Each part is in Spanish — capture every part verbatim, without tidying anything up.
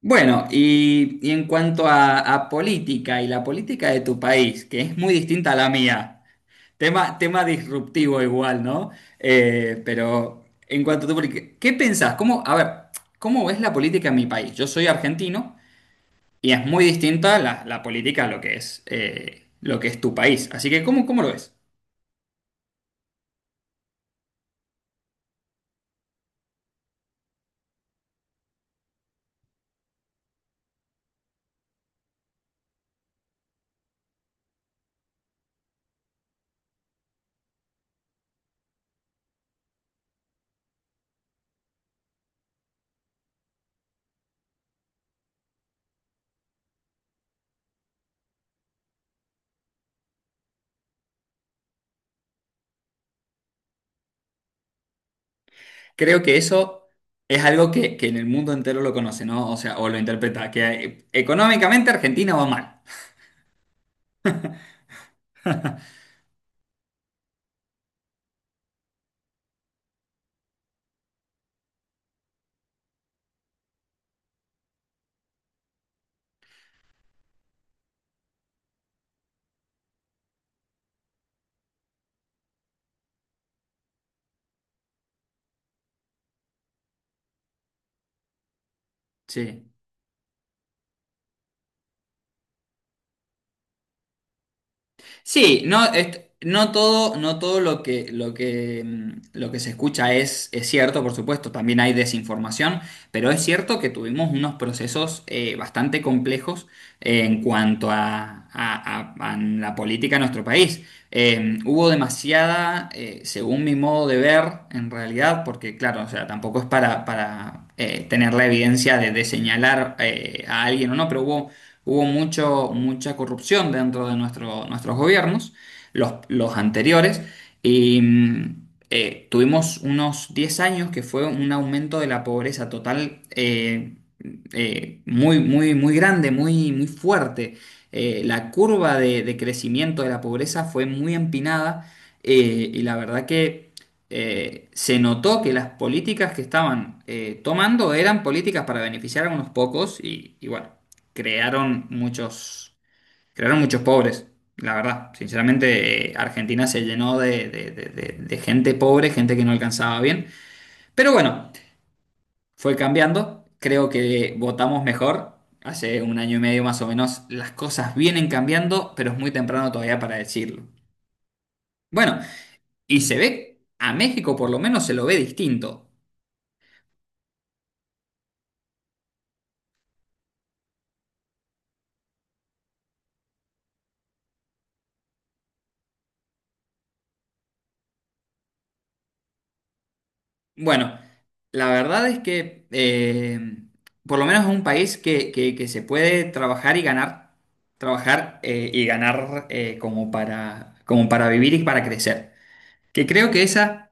Bueno, y, y en cuanto a, a política y la política de tu país, que es muy distinta a la mía, tema, tema disruptivo igual, ¿no? Eh, pero en cuanto a tu política, ¿qué pensás? ¿Cómo, a ver, ¿cómo, ves la política en mi país? Yo soy argentino y es muy distinta la, la política a lo que es, eh, lo que es tu país. Así que, ¿cómo, cómo lo ves? Creo que eso es algo que, que en el mundo entero lo conoce, ¿no? O sea, o lo interpreta, que eh, económicamente Argentina va mal. Sí. Sí, no, est- no todo, no todo lo que, lo que, mm, lo que se escucha es, es cierto, por supuesto, también hay desinformación, pero es cierto que tuvimos unos procesos eh, bastante complejos eh, en cuanto a, a- a- a la política de nuestro país. Eh, hubo demasiada, eh, según mi modo de ver, en realidad, porque claro, o sea, tampoco es para, para eh, tener la evidencia de, de señalar eh, a alguien o no, pero hubo Hubo mucho, mucha corrupción dentro de nuestro- nuestros gobiernos, los, los anteriores, y mm, eh, tuvimos unos diez años que fue un aumento de la pobreza total eh, eh, muy, muy, muy grande, muy, muy fuerte. Eh, la curva de, de crecimiento de la pobreza fue muy empinada eh, y la verdad que eh, se notó que las políticas que estaban eh, tomando eran políticas para beneficiar a unos pocos y, y bueno, crearon muchos, crearon muchos pobres, la verdad. Sinceramente, eh, Argentina se llenó de, de- de- de- de gente pobre, gente que no alcanzaba bien. Pero bueno, fue cambiando. Creo que votamos mejor. Hace un año y medio más o menos las cosas vienen cambiando, pero es muy temprano todavía para decirlo. Bueno, y se ve, a México por lo menos se lo ve distinto. Bueno, la verdad es que eh, por lo menos es un país que, que- que se puede trabajar y ganar, trabajar eh, y ganar eh, como para, como para vivir y para crecer. Que creo que esa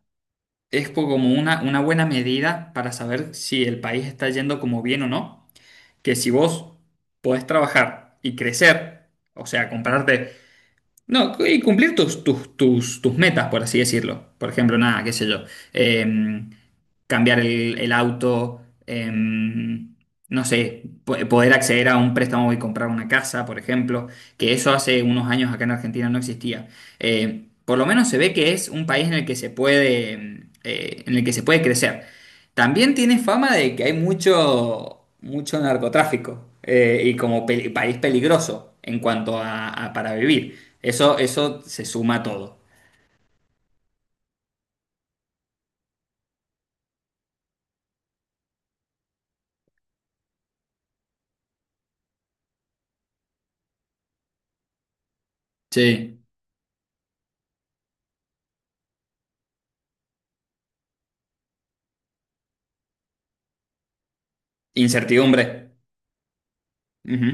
es po- como una, una buena medida para saber si el país está yendo como bien o no. Que si vos podés trabajar y crecer, o sea, comprarte. No, y cumplir tus, tus, tus, tus metas, por así decirlo. Por ejemplo, nada, qué sé yo. em, cambiar el, el, auto, em, no sé, po- poder acceder a un préstamo y comprar una casa, por ejemplo, que eso hace unos años acá en Argentina no existía. Eh, por lo menos se ve que es un país en el que se puede, em, eh, en el que se puede crecer. También tiene fama de que hay mucho, mucho narcotráfico eh, y como pe- país peligroso en cuanto a, a para vivir. Eso, eso se suma a todo. Sí. Incertidumbre. Ujú.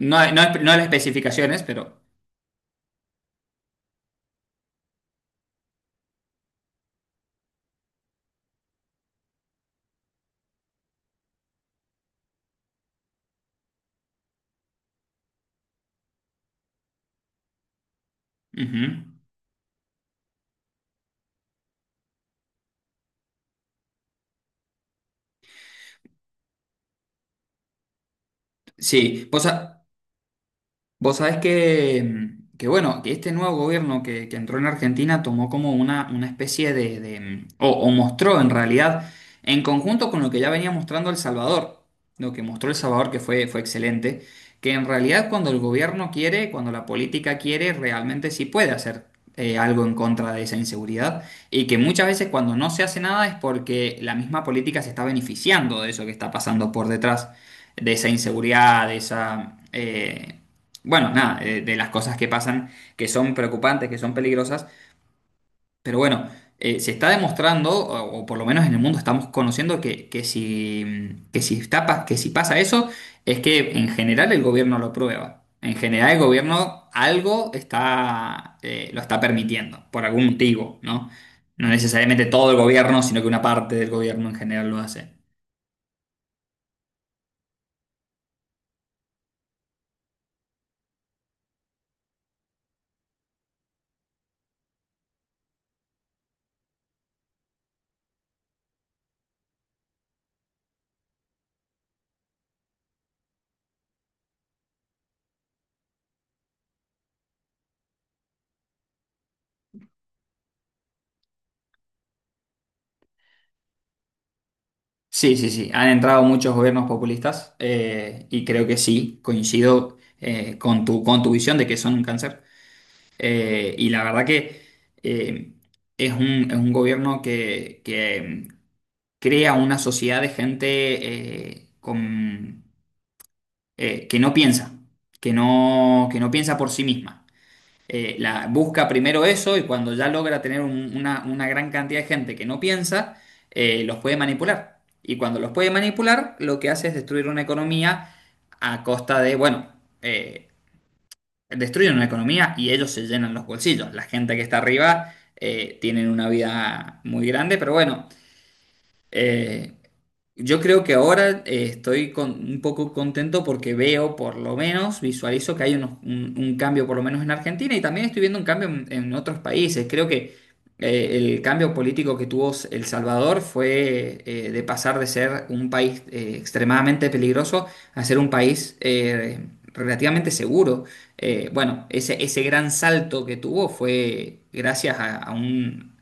No, hay- no, hay- no hay las especificaciones, pero. Ujú. Sí, pues vos sabés que, que, bueno, que este nuevo gobierno que, que entró en Argentina tomó como una, una especie de, de- o, o mostró en realidad, en conjunto con lo que ya venía mostrando El Salvador, lo que mostró El Salvador que fue, fue excelente, que en realidad cuando el gobierno quiere, cuando la política quiere, realmente sí puede hacer eh, algo en contra de esa inseguridad y que muchas veces cuando no se hace nada es porque la misma política se está beneficiando de eso que está pasando por detrás de esa inseguridad, de esa, eh, bueno, nada, eh, de las cosas que pasan que son preocupantes, que son peligrosas, pero bueno, eh, se está demostrando, o, o por lo menos en el mundo estamos conociendo que, que si, que si está, pa- que si pasa eso, es que en general el gobierno lo prueba. En general el gobierno algo está, eh, lo está permitiendo, por algún motivo, ¿no? No necesariamente todo el gobierno, sino que una parte del gobierno en general lo hace. Sí, sí, sí. Han entrado muchos gobiernos populistas eh, y creo que sí, coincido eh, con tu, con tu visión de que son un cáncer. Eh, y la verdad que eh, es un, es un gobierno que, que mm, crea una sociedad de gente eh, con, eh, que no piensa, que no, que no piensa por sí misma eh, la, busca primero eso y cuando ya logra tener un- una, una gran cantidad de gente que no piensa, eh, los puede manipular. Y cuando los puede manipular, lo que hace es destruir una economía a costa de, bueno, eh, destruyen una economía y ellos se llenan los bolsillos. La gente que está arriba eh, tienen una vida muy grande, pero bueno, eh, yo creo que ahora eh, estoy con, un poco contento porque veo, por lo menos, visualizo que hay unos- un, un cambio, por lo menos en Argentina, y también estoy viendo un cambio en, en otros países. Creo que eh, el cambio político que tuvo El Salvador fue eh, de pasar de ser un país eh, extremadamente peligroso a ser un país eh, relativamente seguro. Eh, bueno, ese, ese gran salto que tuvo fue gracias a, a un,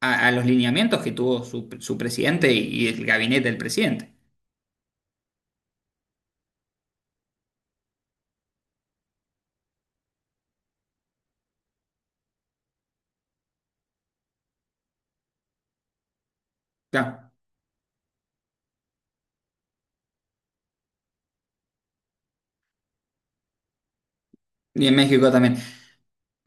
a, a los lineamientos que tuvo su, su presidente y el gabinete del presidente. Claro. Y en México también.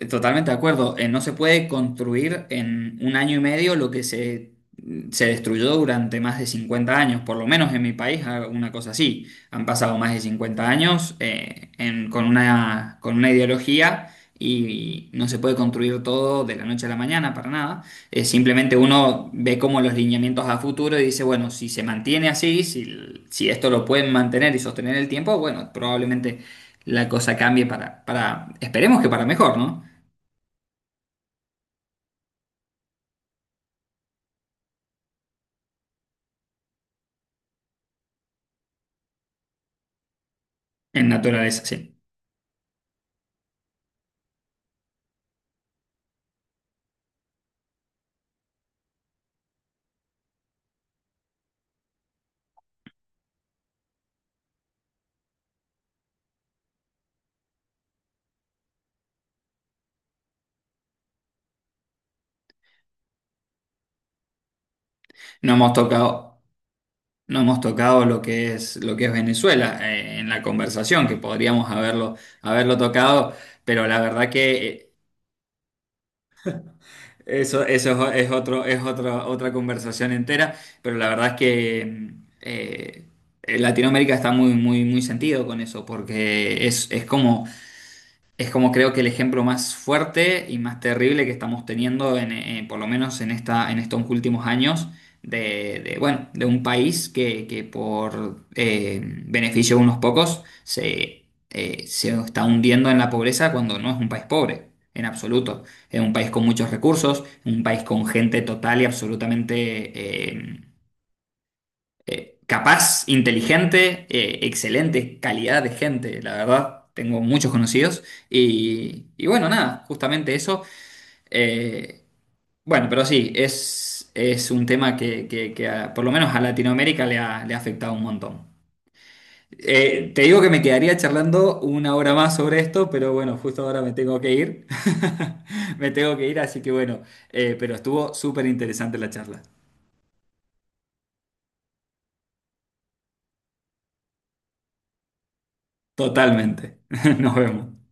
Totalmente de acuerdo. Eh, no se puede construir en un año y medio lo que se, mm, se destruyó durante más de cincuenta años, por lo menos en mi país, ah, una cosa así. Han pasado más de cincuenta años eh, en- con una, con una ideología y no se puede construir todo de la noche a la mañana para nada. Eh, simplemente uno ve como los lineamientos a futuro y dice, bueno, si se mantiene así, si, si esto lo pueden mantener y sostener el tiempo, bueno, probablemente la cosa cambie para, para, esperemos que para mejor, ¿no? En naturaleza, sí. No hemos tocado, no hemos tocado lo que es, lo que es Venezuela eh, en la conversación, que podríamos haberlo, haberlo tocado, pero la verdad que eh, eso, eso es, es otro, es otra otra conversación entera, pero la verdad es que mm, eh, eh, Latinoamérica está muy, muy, muy sentido con eso, porque es, es como Es como creo que el ejemplo más fuerte y más terrible que estamos teniendo, en, eh, por lo menos en esta, en estos últimos años, de, de, bueno, de un país que, que por eh, beneficio de unos pocos se, eh, se está hundiendo en la pobreza cuando no es un país pobre, en absoluto. Es un país con muchos recursos, un país con gente total y absolutamente eh, capaz, inteligente, eh, excelente calidad de gente, la verdad. Tengo muchos conocidos y, y bueno, nada, justamente eso. Eh, bueno, pero sí, es, es un tema que, que- que a- por lo menos a Latinoamérica le ha, le ha afectado un montón. Eh, te digo que me quedaría charlando una hora más sobre esto, pero bueno, justo ahora me tengo que ir. Me tengo que ir, así que bueno, eh, pero estuvo súper interesante la charla. Totalmente. Nos vemos.